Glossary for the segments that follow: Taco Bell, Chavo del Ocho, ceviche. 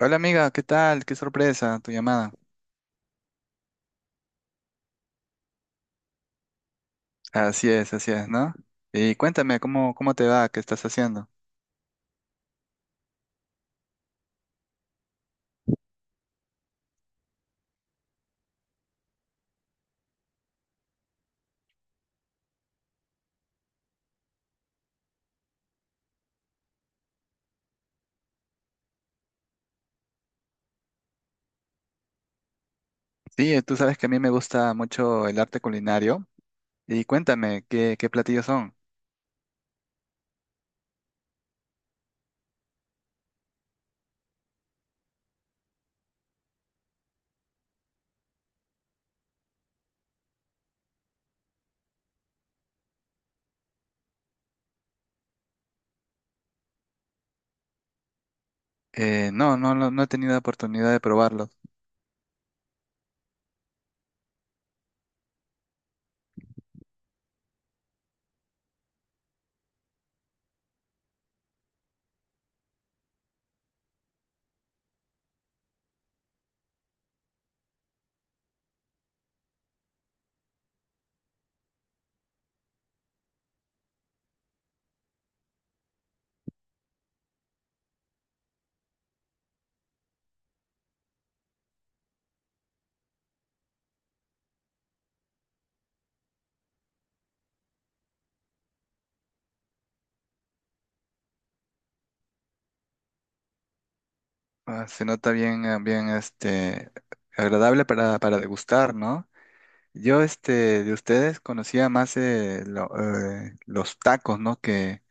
Hola amiga, ¿qué tal? Qué sorpresa tu llamada. Así es, ¿no? Y cuéntame, ¿cómo te va? ¿Qué estás haciendo? Sí, tú sabes que a mí me gusta mucho el arte culinario. Y cuéntame, ¿qué platillos son? No, no, no, no he tenido oportunidad de probarlos. Ah, se nota bien, bien, agradable para degustar, ¿no? Yo, de ustedes conocía más los tacos, ¿no?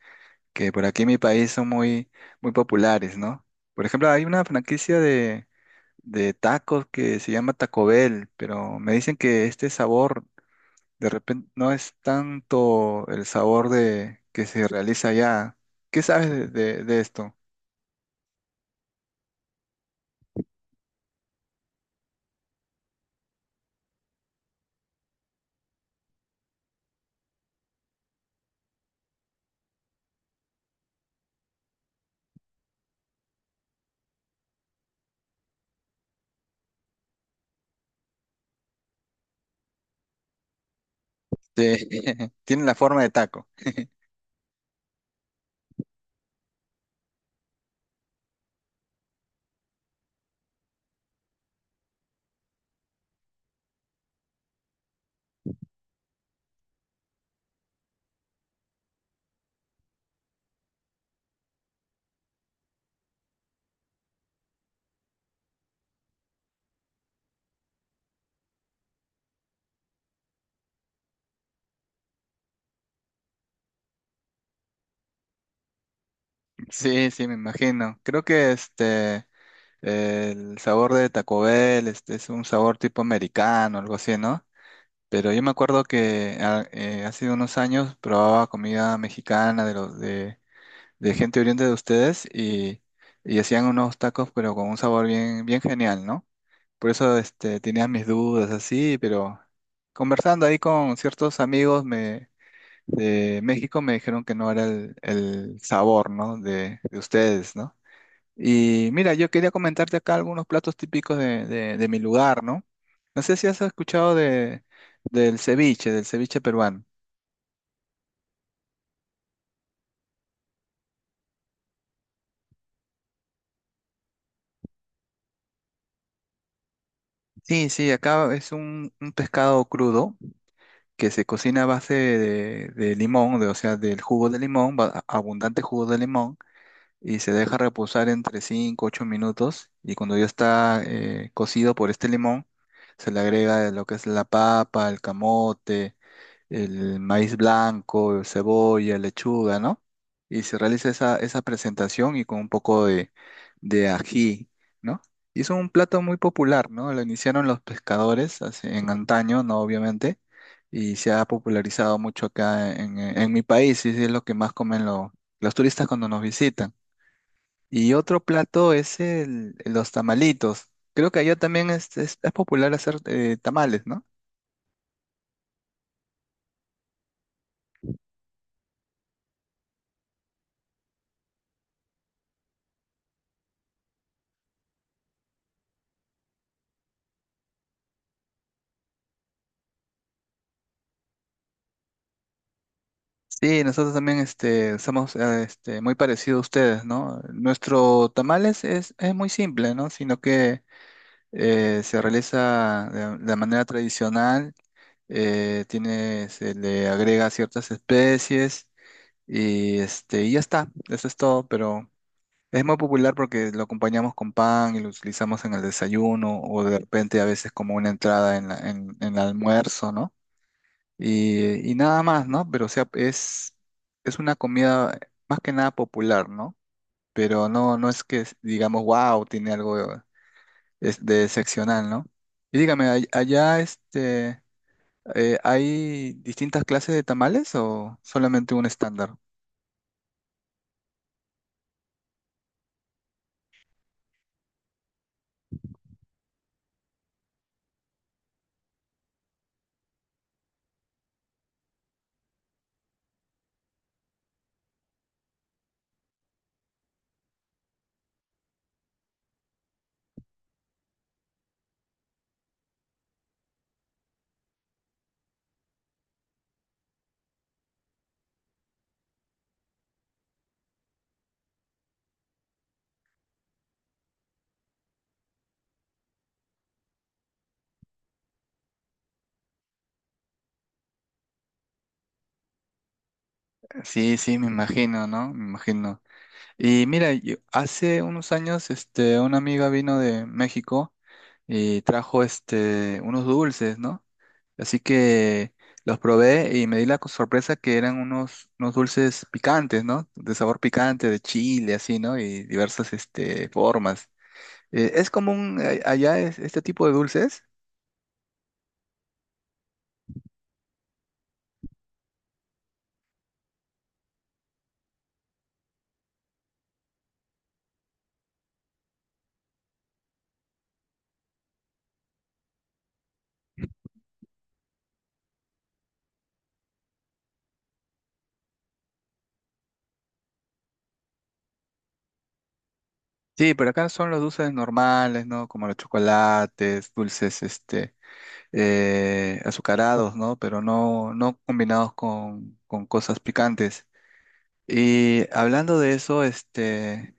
Que por aquí en mi país son muy populares, ¿no? Por ejemplo, hay una franquicia de tacos que se llama Taco Bell, pero me dicen que este sabor de repente no es tanto el sabor de que se realiza allá. ¿Qué sabes de esto? Sí, tienen la forma de taco. Sí, sí, me imagino. Creo que este el sabor de Taco Bell este, es un sabor tipo americano, algo así, ¿no? Pero yo me acuerdo que hace unos años probaba comida mexicana de de gente oriente de ustedes y hacían unos tacos pero con un sabor bien genial, ¿no? Por eso este, tenía mis dudas así, pero conversando ahí con ciertos amigos me, de México me dijeron que no era el sabor, ¿no? De ustedes, ¿no? Y mira, yo quería comentarte acá algunos platos típicos de mi lugar, ¿no? No sé si has escuchado del ceviche peruano. Sí, sí, acá es un pescado crudo que se cocina a base de limón, de, o sea, del jugo de limón, abundante jugo de limón, y se deja reposar entre 5 u 8 minutos. Y cuando ya está cocido por este limón, se le agrega lo que es la papa, el camote, el maíz blanco, cebolla, lechuga, ¿no? Y se realiza esa, esa presentación y con un poco de ají, ¿no? Y es un plato muy popular, ¿no? Lo iniciaron los pescadores en antaño, ¿no? Obviamente, y se ha popularizado mucho acá en mi país, y es lo que más comen los turistas cuando nos visitan. Y otro plato es el, los tamalitos. Creo que allá también es popular hacer tamales, ¿no? Sí, nosotros también este, somos este, muy parecidos a ustedes, ¿no? Nuestro tamales es muy simple, ¿no? Sino que se realiza de manera tradicional, tiene, se le agrega ciertas especies y, este, y ya está, eso es todo, pero es muy popular porque lo acompañamos con pan y lo utilizamos en el desayuno o de repente a veces como una entrada en en el almuerzo, ¿no? Y nada más, ¿no? Pero o sea, es una comida más que nada popular, ¿no? Pero no, no es que digamos, wow, tiene algo de, de excepcional, ¿no? Y dígame, allá este, hay distintas clases de tamales o solamente un estándar? Sí, sí, me imagino, ¿no? Me imagino. Y mira, hace unos años este, una amiga vino de México y trajo este, unos dulces, ¿no? Así que los probé y me di la sorpresa que eran unos, unos dulces picantes, ¿no? De sabor picante, de chile, así, ¿no? Y diversas este, formas. ¿Es común este tipo de dulces? Sí, pero acá son los dulces normales, ¿no? Como los chocolates, dulces este, azucarados, ¿no? Pero no, no combinados con cosas picantes. Y hablando de eso, este...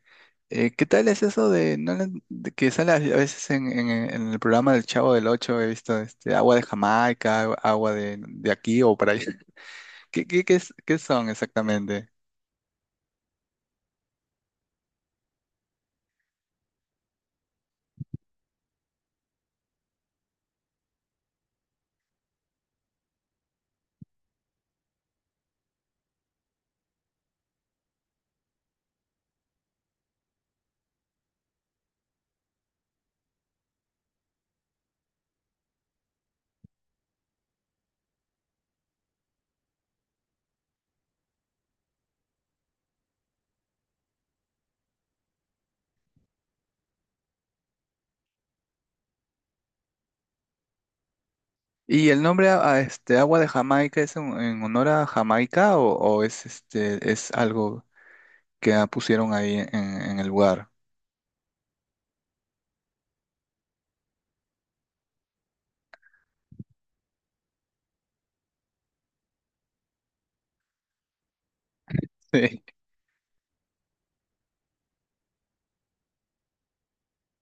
¿Qué tal es eso de, no de que sale a veces en, en el programa del Chavo del Ocho? He visto este, agua de Jamaica, agua de aquí o para allá. Qué son exactamente? ¿Y el nombre a este, agua de Jamaica es en honor a Jamaica o es, este, es algo que pusieron ahí en el lugar? Sí.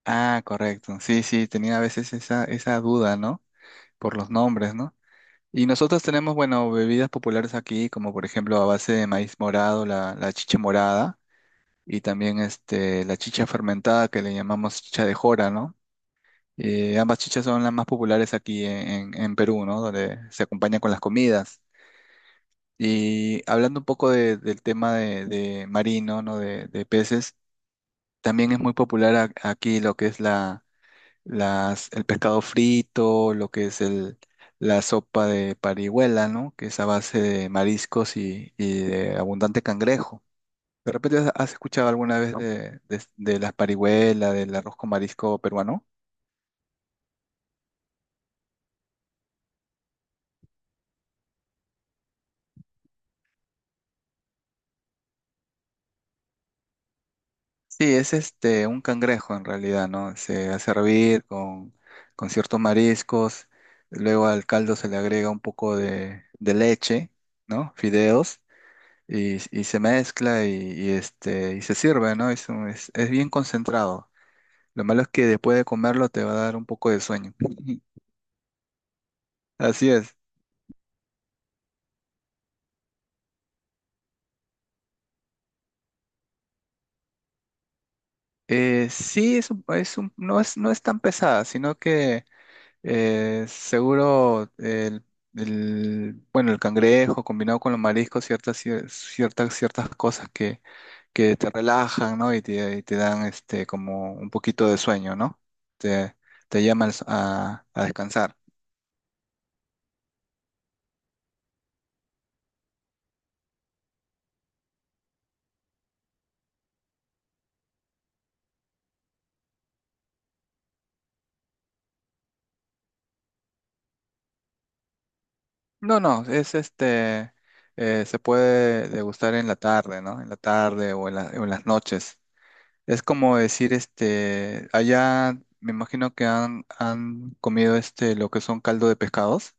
Ah, correcto. Sí, sí, tenía a veces esa, esa duda, ¿no? Por los nombres, ¿no? Y nosotros tenemos, bueno, bebidas populares aquí, como por ejemplo a base de maíz morado, la chicha morada, y también este, la chicha fermentada que le llamamos chicha de jora, ¿no? Ambas chichas son las más populares aquí en, en Perú, ¿no? Donde se acompañan con las comidas. Y hablando un poco del tema de marino, ¿no? De peces, también es muy popular aquí lo que es el pescado frito, lo que es la sopa de parihuela, ¿no? Que es a base de mariscos y de abundante cangrejo. ¿De repente has escuchado alguna vez de las parihuelas, del arroz con marisco peruano? Sí, es este un cangrejo en realidad, ¿no? Se hace hervir con ciertos mariscos, luego al caldo se le agrega un poco de leche, ¿no? Fideos y se mezcla y, este, y se sirve, ¿no? Es, es bien concentrado. Lo malo es que después de comerlo te va a dar un poco de sueño. Así es. Sí, no es, no es tan pesada, sino que seguro bueno, el cangrejo combinado con los mariscos, ciertas cosas que te relajan, ¿no? Y te dan este, como un poquito de sueño, ¿no? Te, te llaman a descansar. No, no, es este, se puede degustar en la tarde, ¿no? En la tarde o en o en las noches. Es como decir, este, allá me imagino que han, han comido este, lo que son caldo de pescados.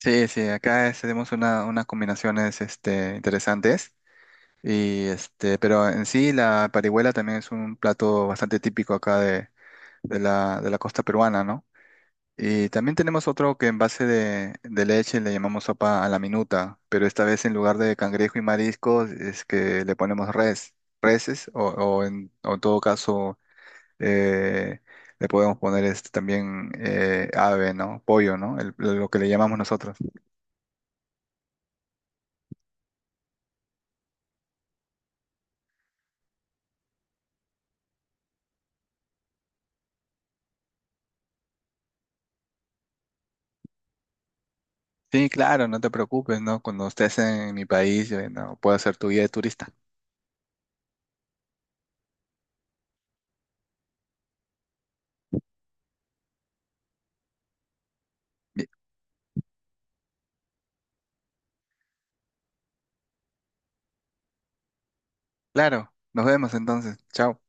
Sí, sí, acá tenemos una, unas combinaciones, este, interesantes. Y este, pero en sí la parihuela también es un plato bastante típico acá de, de la costa peruana, ¿no? Y también tenemos otro que en base de leche le llamamos sopa a la minuta, pero esta vez en lugar de cangrejo y mariscos es que le ponemos reses o, o en todo caso eh, le podemos poner este, también ave, ¿no? Pollo, ¿no? Lo que le llamamos nosotros. Sí, claro, no te preocupes, ¿no? Cuando estés en mi país, no, puedo ser tu guía de turista. Bien, claro, nos vemos entonces. Chao.